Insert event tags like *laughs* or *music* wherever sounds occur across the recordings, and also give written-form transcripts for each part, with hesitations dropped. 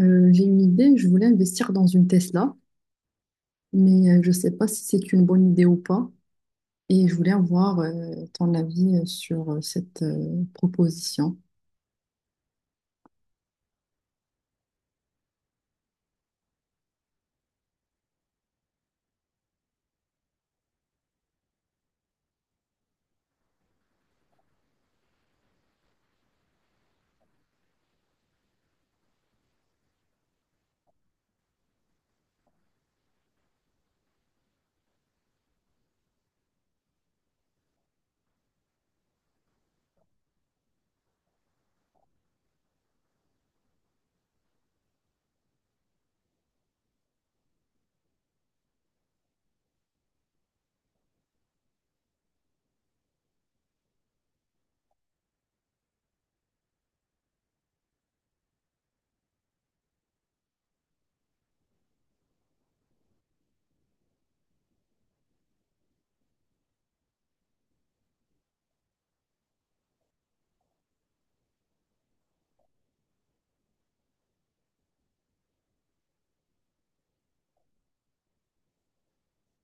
J'ai une idée, je voulais investir dans une Tesla, mais je ne sais pas si c'est une bonne idée ou pas. Et je voulais avoir ton avis sur cette proposition.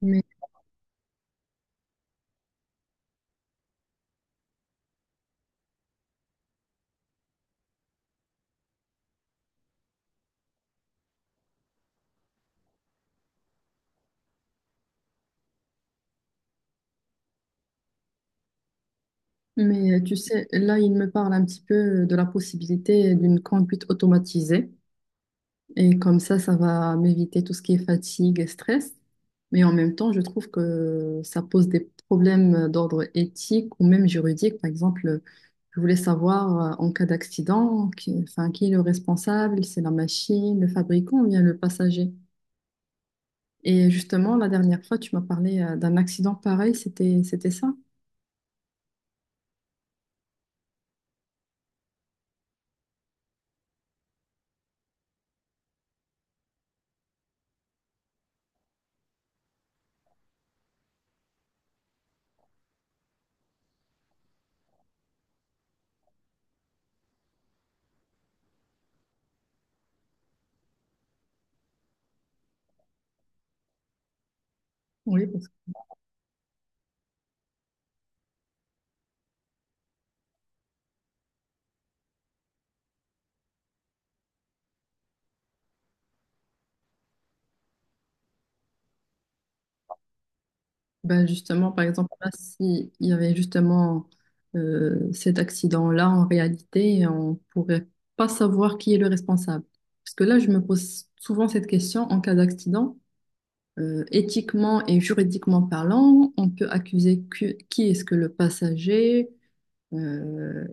Mais, mais tu sais, là, il me parle un petit peu de la possibilité d'une conduite automatisée. Et comme ça va m'éviter tout ce qui est fatigue et stress. Mais en même temps, je trouve que ça pose des problèmes d'ordre éthique ou même juridique. Par exemple, je voulais savoir en cas d'accident, qui, enfin, qui est le responsable? C'est la machine, le fabricant ou bien le passager? Et justement, la dernière fois, tu m'as parlé d'un accident pareil. C'était ça? Oui. Ben justement, par exemple, là, s'il y avait justement cet accident-là, en réalité, on pourrait pas savoir qui est le responsable. Parce que là, je me pose souvent cette question en cas d'accident. Éthiquement et juridiquement parlant, on peut accuser qui est-ce que le passager, euh,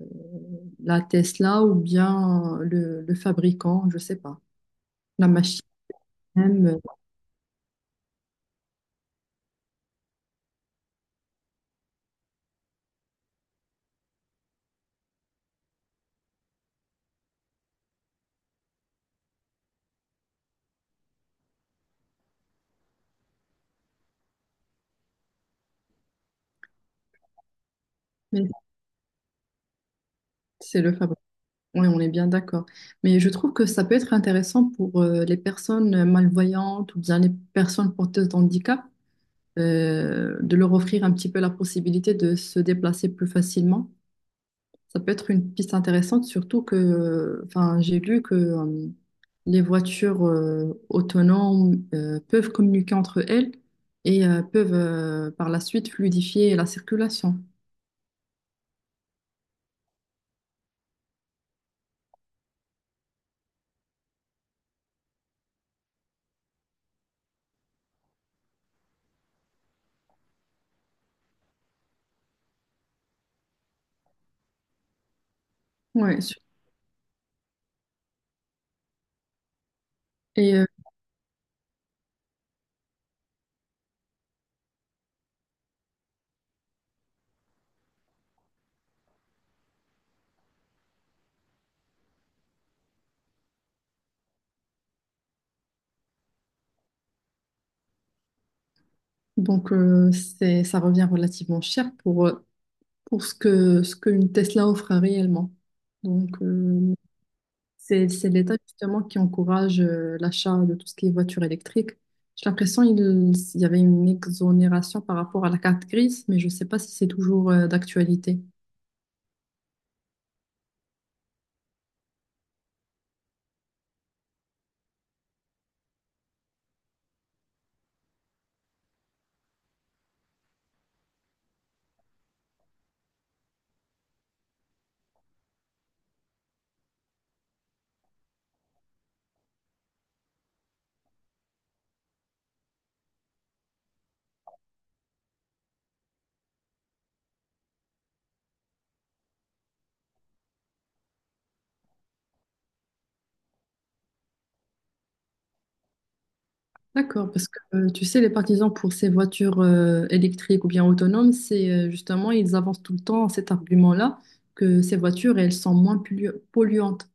la Tesla ou bien le fabricant, je sais pas, la machine même, mais c'est le fabricant. Oui, on est bien d'accord. Mais je trouve que ça peut être intéressant pour les personnes malvoyantes ou bien les personnes porteuses d'handicap de leur offrir un petit peu la possibilité de se déplacer plus facilement. Ça peut être une piste intéressante, surtout que, enfin, j'ai lu que les voitures autonomes peuvent communiquer entre elles et peuvent par la suite fluidifier la circulation. Ouais, su- et euh, donc c'est, ça revient relativement cher pour ce que ce qu'une Tesla offre réellement. Donc c'est l'État justement qui encourage l'achat de tout ce qui est voiture électrique. J'ai l'impression qu'il il y avait une exonération par rapport à la carte grise, mais je ne sais pas si c'est toujours d'actualité. D'accord, parce que tu sais, les partisans pour ces voitures électriques ou bien autonomes, c'est justement, ils avancent tout le temps cet argument-là que ces voitures, elles sont polluantes.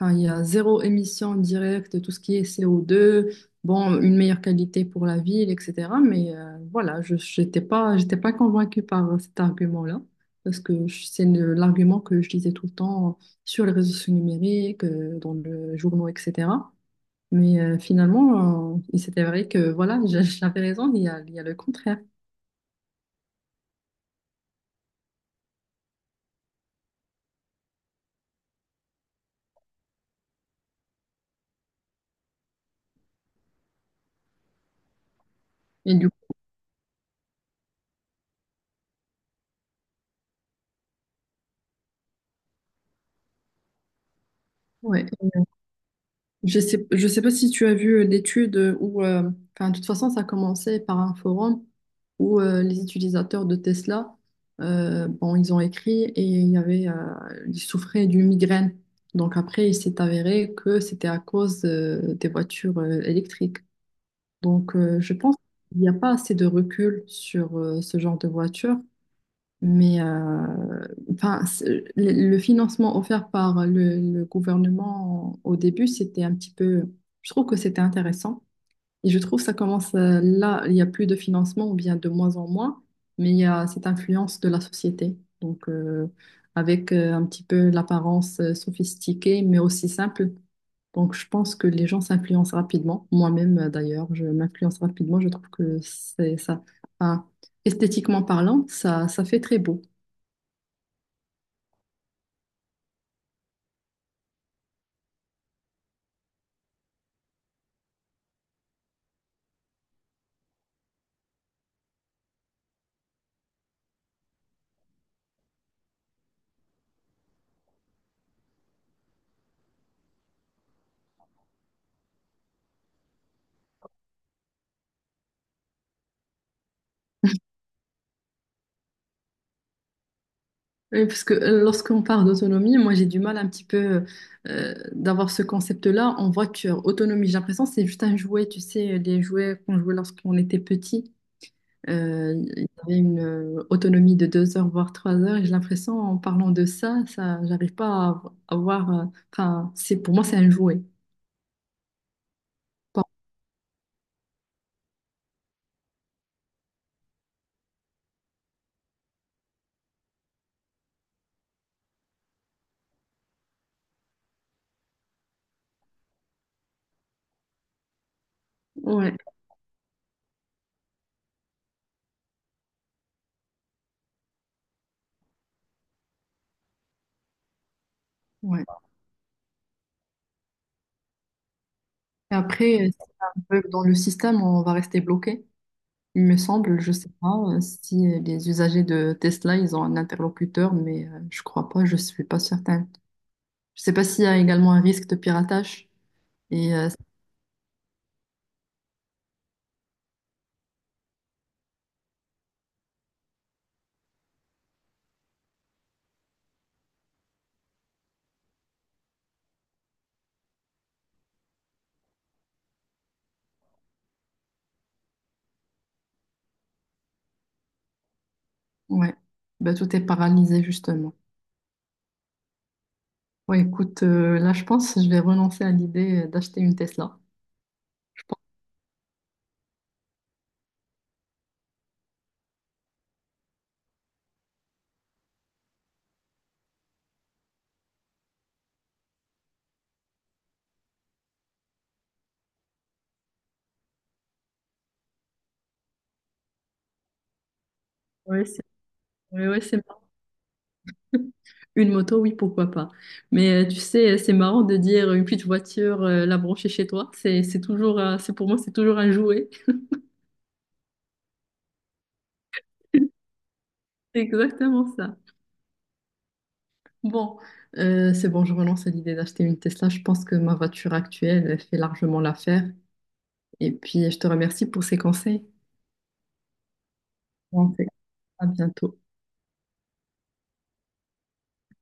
Enfin, il y a zéro émission directe, tout ce qui est CO2, bon, une meilleure qualité pour la ville, etc. Mais voilà, je n'étais pas, j'étais pas convaincue par cet argument-là, parce que c'est l'argument que je lisais tout le temps sur les réseaux sociaux numériques, dans le journaux, etc. Mais finalement, il s'est avéré que voilà, j'avais raison, il y a le contraire. Et du coup, ouais. Je sais pas si tu as vu l'étude enfin, de toute façon, ça a commencé par un forum où les utilisateurs de Tesla, bon, ils ont écrit et il y avait, ils souffraient d'une migraine. Donc après, il s'est avéré que c'était à cause des voitures électriques. Donc je pense qu'il n'y a pas assez de recul sur ce genre de voiture mais enfin, le financement offert par le gouvernement au début, c'était un petit peu, je trouve que c'était intéressant. Et je trouve que ça commence là, il n'y a plus de financement ou bien de moins en moins, mais il y a cette influence de la société. Donc, euh, avec un petit peu l'apparence sophistiquée, mais aussi simple. Donc, je pense que les gens s'influencent rapidement. Moi-même, d'ailleurs, je m'influence rapidement. Je trouve que c'est ça, enfin, esthétiquement parlant, ça fait très beau. Oui, parce que lorsqu'on parle d'autonomie, moi j'ai du mal un petit peu d'avoir ce concept-là. On voit que autonomie, j'ai l'impression que c'est juste un jouet, tu sais, les jouets qu'on jouait lorsqu'on était petit. Il y avait une autonomie de deux heures, voire trois heures. Et j'ai l'impression, en parlant de ça, ça, j'arrive pas à avoir. Enfin, c'est pour moi, c'est un jouet. Pas- Ouais, ouais. Et après, si on veut, dans le système, on va rester bloqué. Il me semble, je sais pas si les usagers de Tesla, ils ont un interlocuteur, mais je crois pas, je suis pas certaine. Je sais pas s'il y a également un risque de piratage. Et ouais, bah, tout est paralysé justement. Ouais, écoute, là je pense que je vais renoncer à l'idée d'acheter une Tesla. Ouais, c'est ouais, ouais, c'est marrant. *laughs* Une moto, oui, pourquoi pas. Mais tu sais, c'est marrant de dire une petite voiture, la brancher chez toi. C'est toujours, c'est pour moi, c'est toujours un jouet. *laughs* C'est exactement ça. Bon, c'est bon, je renonce à l'idée d'acheter une Tesla. Je pense que ma voiture actuelle elle fait largement l'affaire. Et puis, je te remercie pour ces conseils. Bon, c'est- à bientôt.